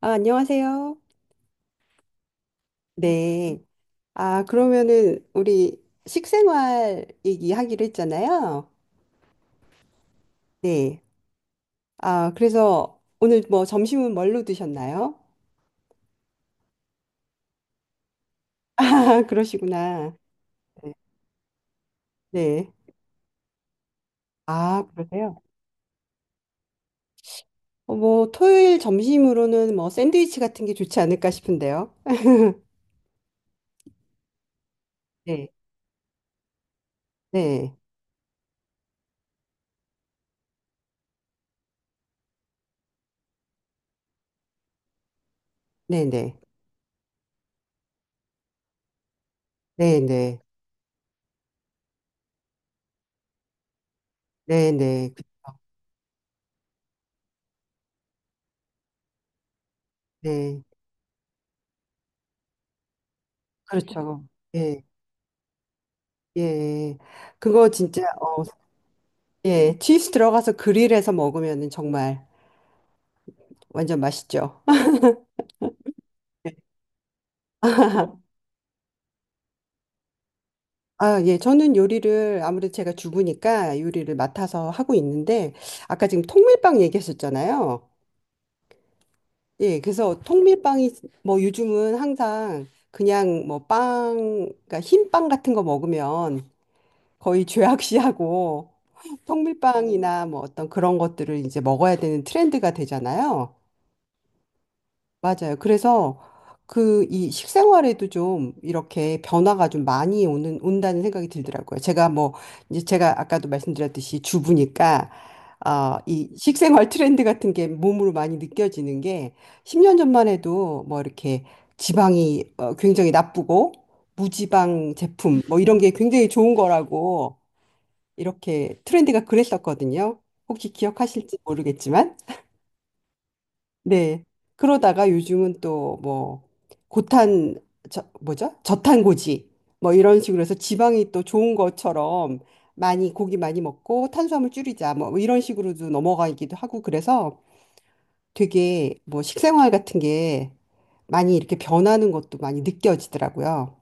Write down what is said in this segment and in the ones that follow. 아, 안녕하세요. 네. 아, 그러면은 우리 식생활 얘기하기로 했잖아요. 네. 아, 그래서 오늘 뭐 점심은 뭘로 드셨나요? 아, 그러시구나. 네. 네. 아, 그러세요? 뭐 토요일 점심으로는 뭐 샌드위치 같은 게 좋지 않을까 싶은데요. 네. 네. 네, 네. 네, 네. 네, 네. 그렇죠. 네. 그렇죠. 예. 예. 그거 진짜 예, 치즈 들어가서 그릴해서 먹으면 정말 완전 맛있죠. 아, 예, 저는 요리를 아무래도 제가 주부니까 요리를 맡아서 하고 있는데 아까 지금 통밀빵 얘기하셨잖아요. 예, 그래서 통밀빵이 뭐 요즘은 항상 그냥 뭐 빵, 그러니까 흰빵 같은 거 먹으면 거의 죄악시하고 통밀빵이나 뭐 어떤 그런 것들을 이제 먹어야 되는 트렌드가 되잖아요. 맞아요. 그래서 그 이 식생활에도 좀 이렇게 변화가 좀 많이 오는 온다는 생각이 들더라고요. 제가 뭐 이제 제가 아까도 말씀드렸듯이 주부니까 이 식생활 트렌드 같은 게 몸으로 많이 느껴지는 게 10년 전만 해도 뭐 이렇게 지방이 굉장히 나쁘고 무지방 제품 뭐 이런 게 굉장히 좋은 거라고 이렇게 트렌드가 그랬었거든요. 혹시 기억하실지 모르겠지만 네. 그러다가 요즘은 또 뭐 고탄 뭐죠? 저탄고지 뭐 이런 식으로 해서 지방이 또 좋은 것처럼 많이 고기 많이 먹고 탄수화물 줄이자 뭐 이런 식으로도 넘어가기도 하고 그래서 되게 뭐 식생활 같은 게 많이 이렇게 변하는 것도 많이 느껴지더라고요.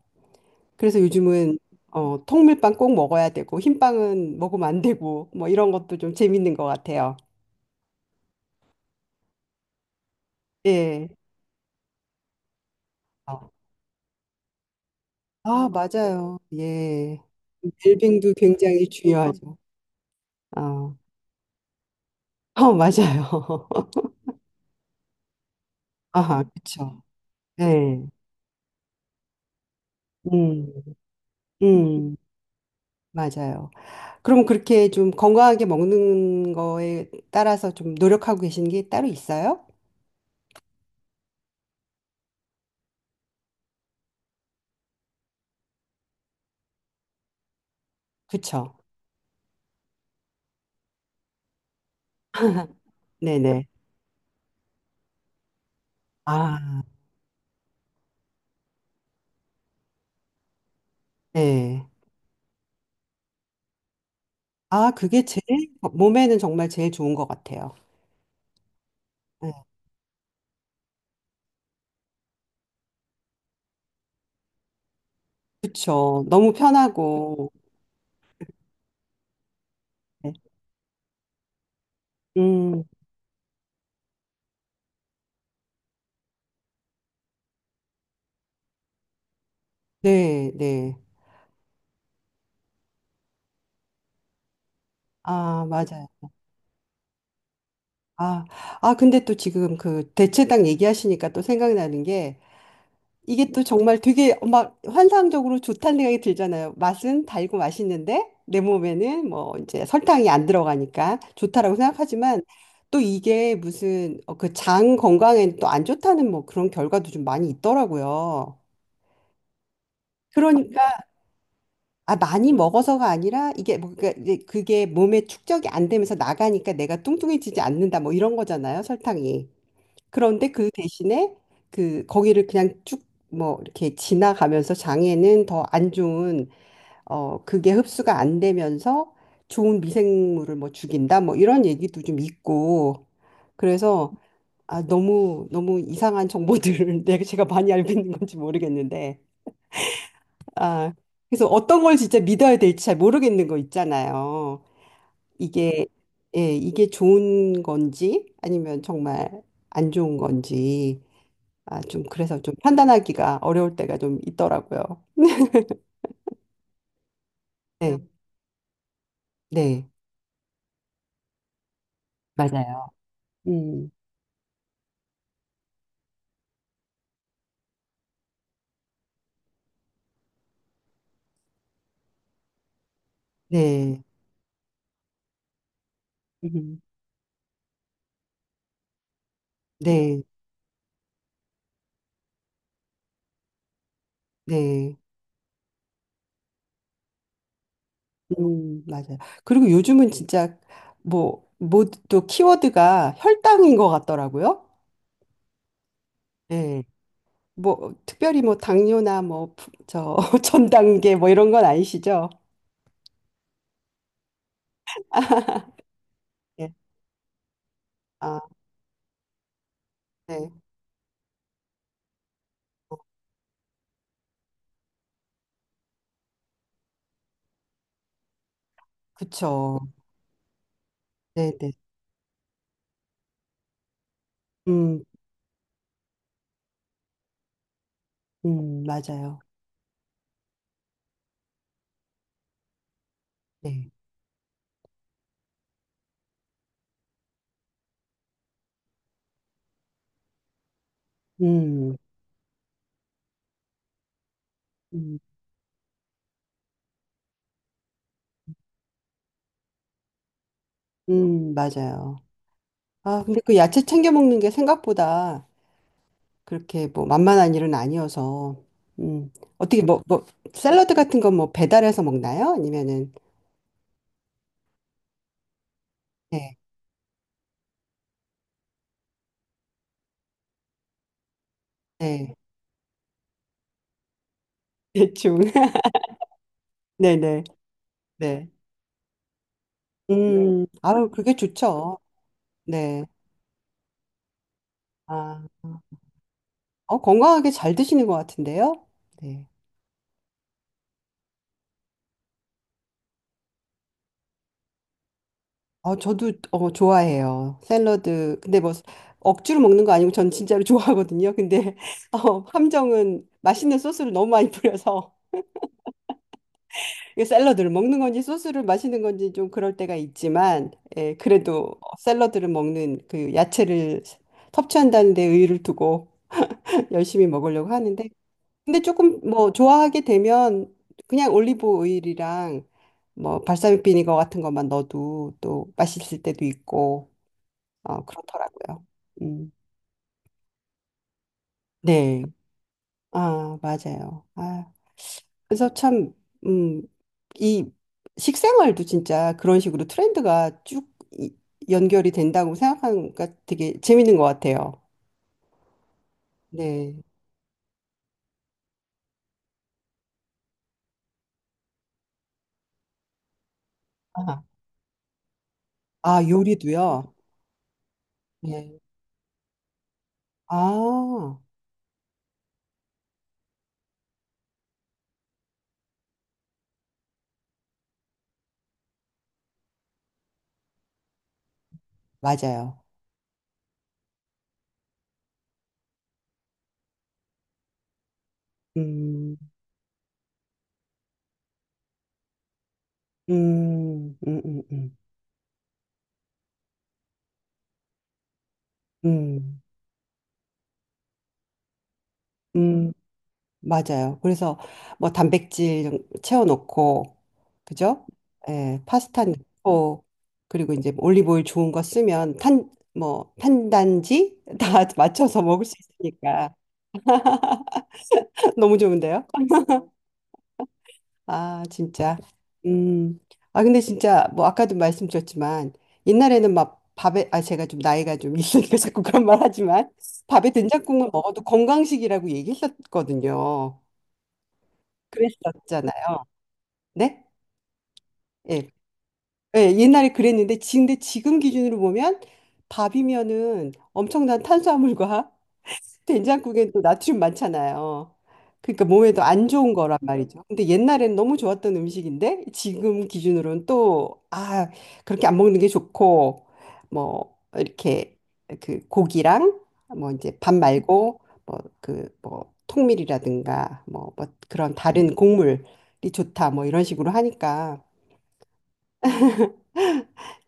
그래서 요즘은 통밀빵 꼭 먹어야 되고 흰빵은 먹으면 안 되고 뭐 이런 것도 좀 재밌는 것 같아요. 예. 아, 맞아요. 예. 웰빙도 굉장히 중요하죠. 아, 어, 맞아요. 아, 그쵸. 네. 음, 음, 맞아요. 그럼 그렇게 좀 건강하게 먹는 거에 따라서 좀 노력하고 계신 게 따로 있어요? 그쵸. 네네. 아, 네. 아, 그게 제일, 몸에는 정말 제일 좋은 것 같아요. 네. 그쵸. 너무 편하고. 네. 음, 네, 네. 아, 맞아요. 아, 아, 근데 또 지금 그 대체당 얘기하시니까 또 생각나는 게 이게 또 정말 되게 막 환상적으로 좋다는 생각이 들잖아요. 맛은 달고 맛있는데 내 몸에는 뭐 이제 설탕이 안 들어가니까 좋다라고 생각하지만 또 이게 무슨 그장 건강에 또 안 좋다는 뭐 그런 결과도 좀 많이 있더라고요. 그러니까 아 많이 먹어서가 아니라 이게 뭐 그러니까 이제 그게 몸에 축적이 안 되면서 나가니까 내가 뚱뚱해지지 않는다 뭐 이런 거잖아요 설탕이. 그런데 그 대신에 그 거기를 그냥 쭉 뭐 이렇게 지나가면서 장에는 더 안 좋은 그게 흡수가 안 되면서 좋은 미생물을 뭐 죽인다 뭐 이런 얘기도 좀 있고 그래서 아 너무 너무 이상한 정보들을 내가 제가 많이 알고 있는 건지 모르겠는데 아 그래서 어떤 걸 진짜 믿어야 될지 잘 모르겠는 거 있잖아요. 이게 예, 이게 좋은 건지 아니면 정말 안 좋은 건지 아, 좀 그래서 좀 판단하기가 어려울 때가 좀 있더라고요. 네, 네, 맞아요. 음, 네, 음, 네, 네, 맞아요. 그리고 요즘은 진짜 뭐, 뭐또 키워드가 혈당인 것 같더라고요. 네, 뭐 특별히 뭐 당뇨나 전단계 뭐 이런 건 아니시죠? 네, 아, 네, 그쵸. 네, 네, 음, 맞아요. 네, 음, 음, 맞아요. 아, 근데 그 야채 챙겨 먹는 게 생각보다 그렇게 뭐 만만한 일은 아니어서, 음, 어떻게 샐러드 같은 건 뭐 배달해서 먹나요? 아니면은, 네, 네, 대충. 네네, 네. 아유, 그게 좋죠. 네. 아, 어, 건강하게 잘 드시는 것 같은데요? 네. 저도, 좋아해요. 샐러드. 근데 뭐, 억지로 먹는 거 아니고 전 진짜로 좋아하거든요. 근데, 어, 함정은 맛있는 소스를 너무 많이 뿌려서. 이게 샐러드를 먹는 건지 소스를 마시는 건지 좀 그럴 때가 있지만 예, 그래도 샐러드를 먹는 그 야채를 섭취한다는 데 의의를 두고 열심히 먹으려고 하는데 근데 조금 뭐 좋아하게 되면 그냥 올리브 오일이랑 뭐 발사믹 비니거 같은 것만 넣어도 또 맛있을 때도 있고 어, 그렇더라고요. 음. 네. 아, 맞아요. 아. 그래서 참, 음, 이 식생활도 진짜 그런 식으로 트렌드가 쭉 연결이 된다고 생각하니까 되게 재밌는 것 같아요. 네. 아, 아, 요리도요? 네. 아, 맞아요. 음, 음, 음, 음, 음, 음. 음. 맞아요. 그래서 뭐 단백질 좀 채워놓고, 그죠? 예, 파스타 넣고, 그리고 이제 올리브오일 좋은 거 쓰면 탄단지 다 맞춰서 먹을 수 있으니까. 너무 좋은데요? 아, 진짜. 음. 아, 근데 진짜 뭐 아까도 말씀드렸지만 아, 제가 좀 나이가 좀 있으니까 자꾸 그런 말 하지만 밥에 된장국만 먹어도 건강식이라고 얘기했었거든요. 그랬었잖아요. 네? 예, 예, 옛날에 그랬는데, 근데 지금 기준으로 보면 밥이면은 엄청난 탄수화물과 된장국엔 또 나트륨 많잖아요. 그러니까 몸에도 안 좋은 거란 말이죠. 근데 옛날엔 너무 좋았던 음식인데 지금 기준으로는 또, 아, 그렇게 안 먹는 게 좋고, 뭐, 이렇게 그 고기랑 뭐 이제 밥 말고 통밀이라든가 그런 다른 곡물이 좋다 뭐 이런 식으로 하니까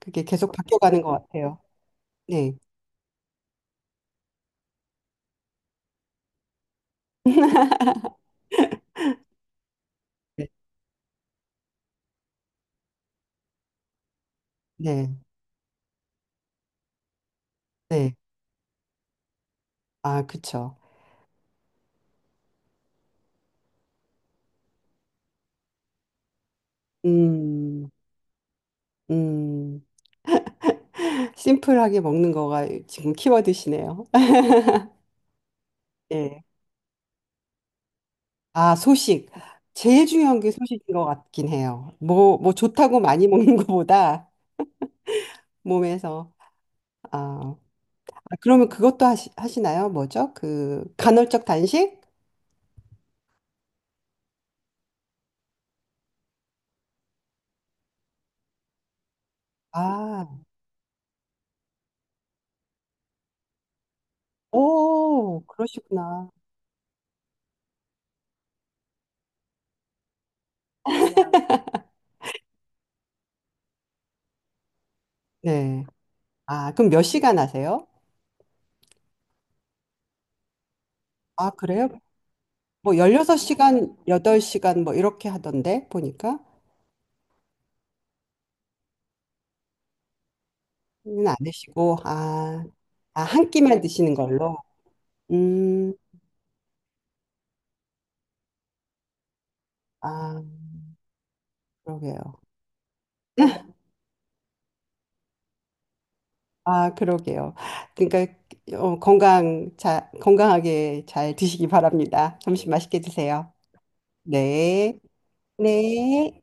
그게 계속 바뀌어가는 것 같아요. 네, 네, 네. 네. 아, 그쵸. 음, 음. 심플하게 먹는 거가 지금 키워드시네요. 예. 아, 소식. 제일 중요한 게 소식인 것 같긴 해요. 뭐 좋다고 많이 먹는 것보다 몸에서. 아, 아, 그러면 그것도 하시나요? 뭐죠? 그 간헐적 단식? 아, 오, 그러시구나. 네. 아, 그럼 몇 시간 하세요? 아, 그래요? 뭐 16시간, 8시간 뭐 이렇게 하던데 보니까. 는안 드시고, 아, 아, 한 끼만 드시는 걸로? 음, 아, 그러게요. 아, 그러게요. 그러니까 건강하게 잘 드시기 바랍니다. 점심 맛있게 드세요. 네, 네.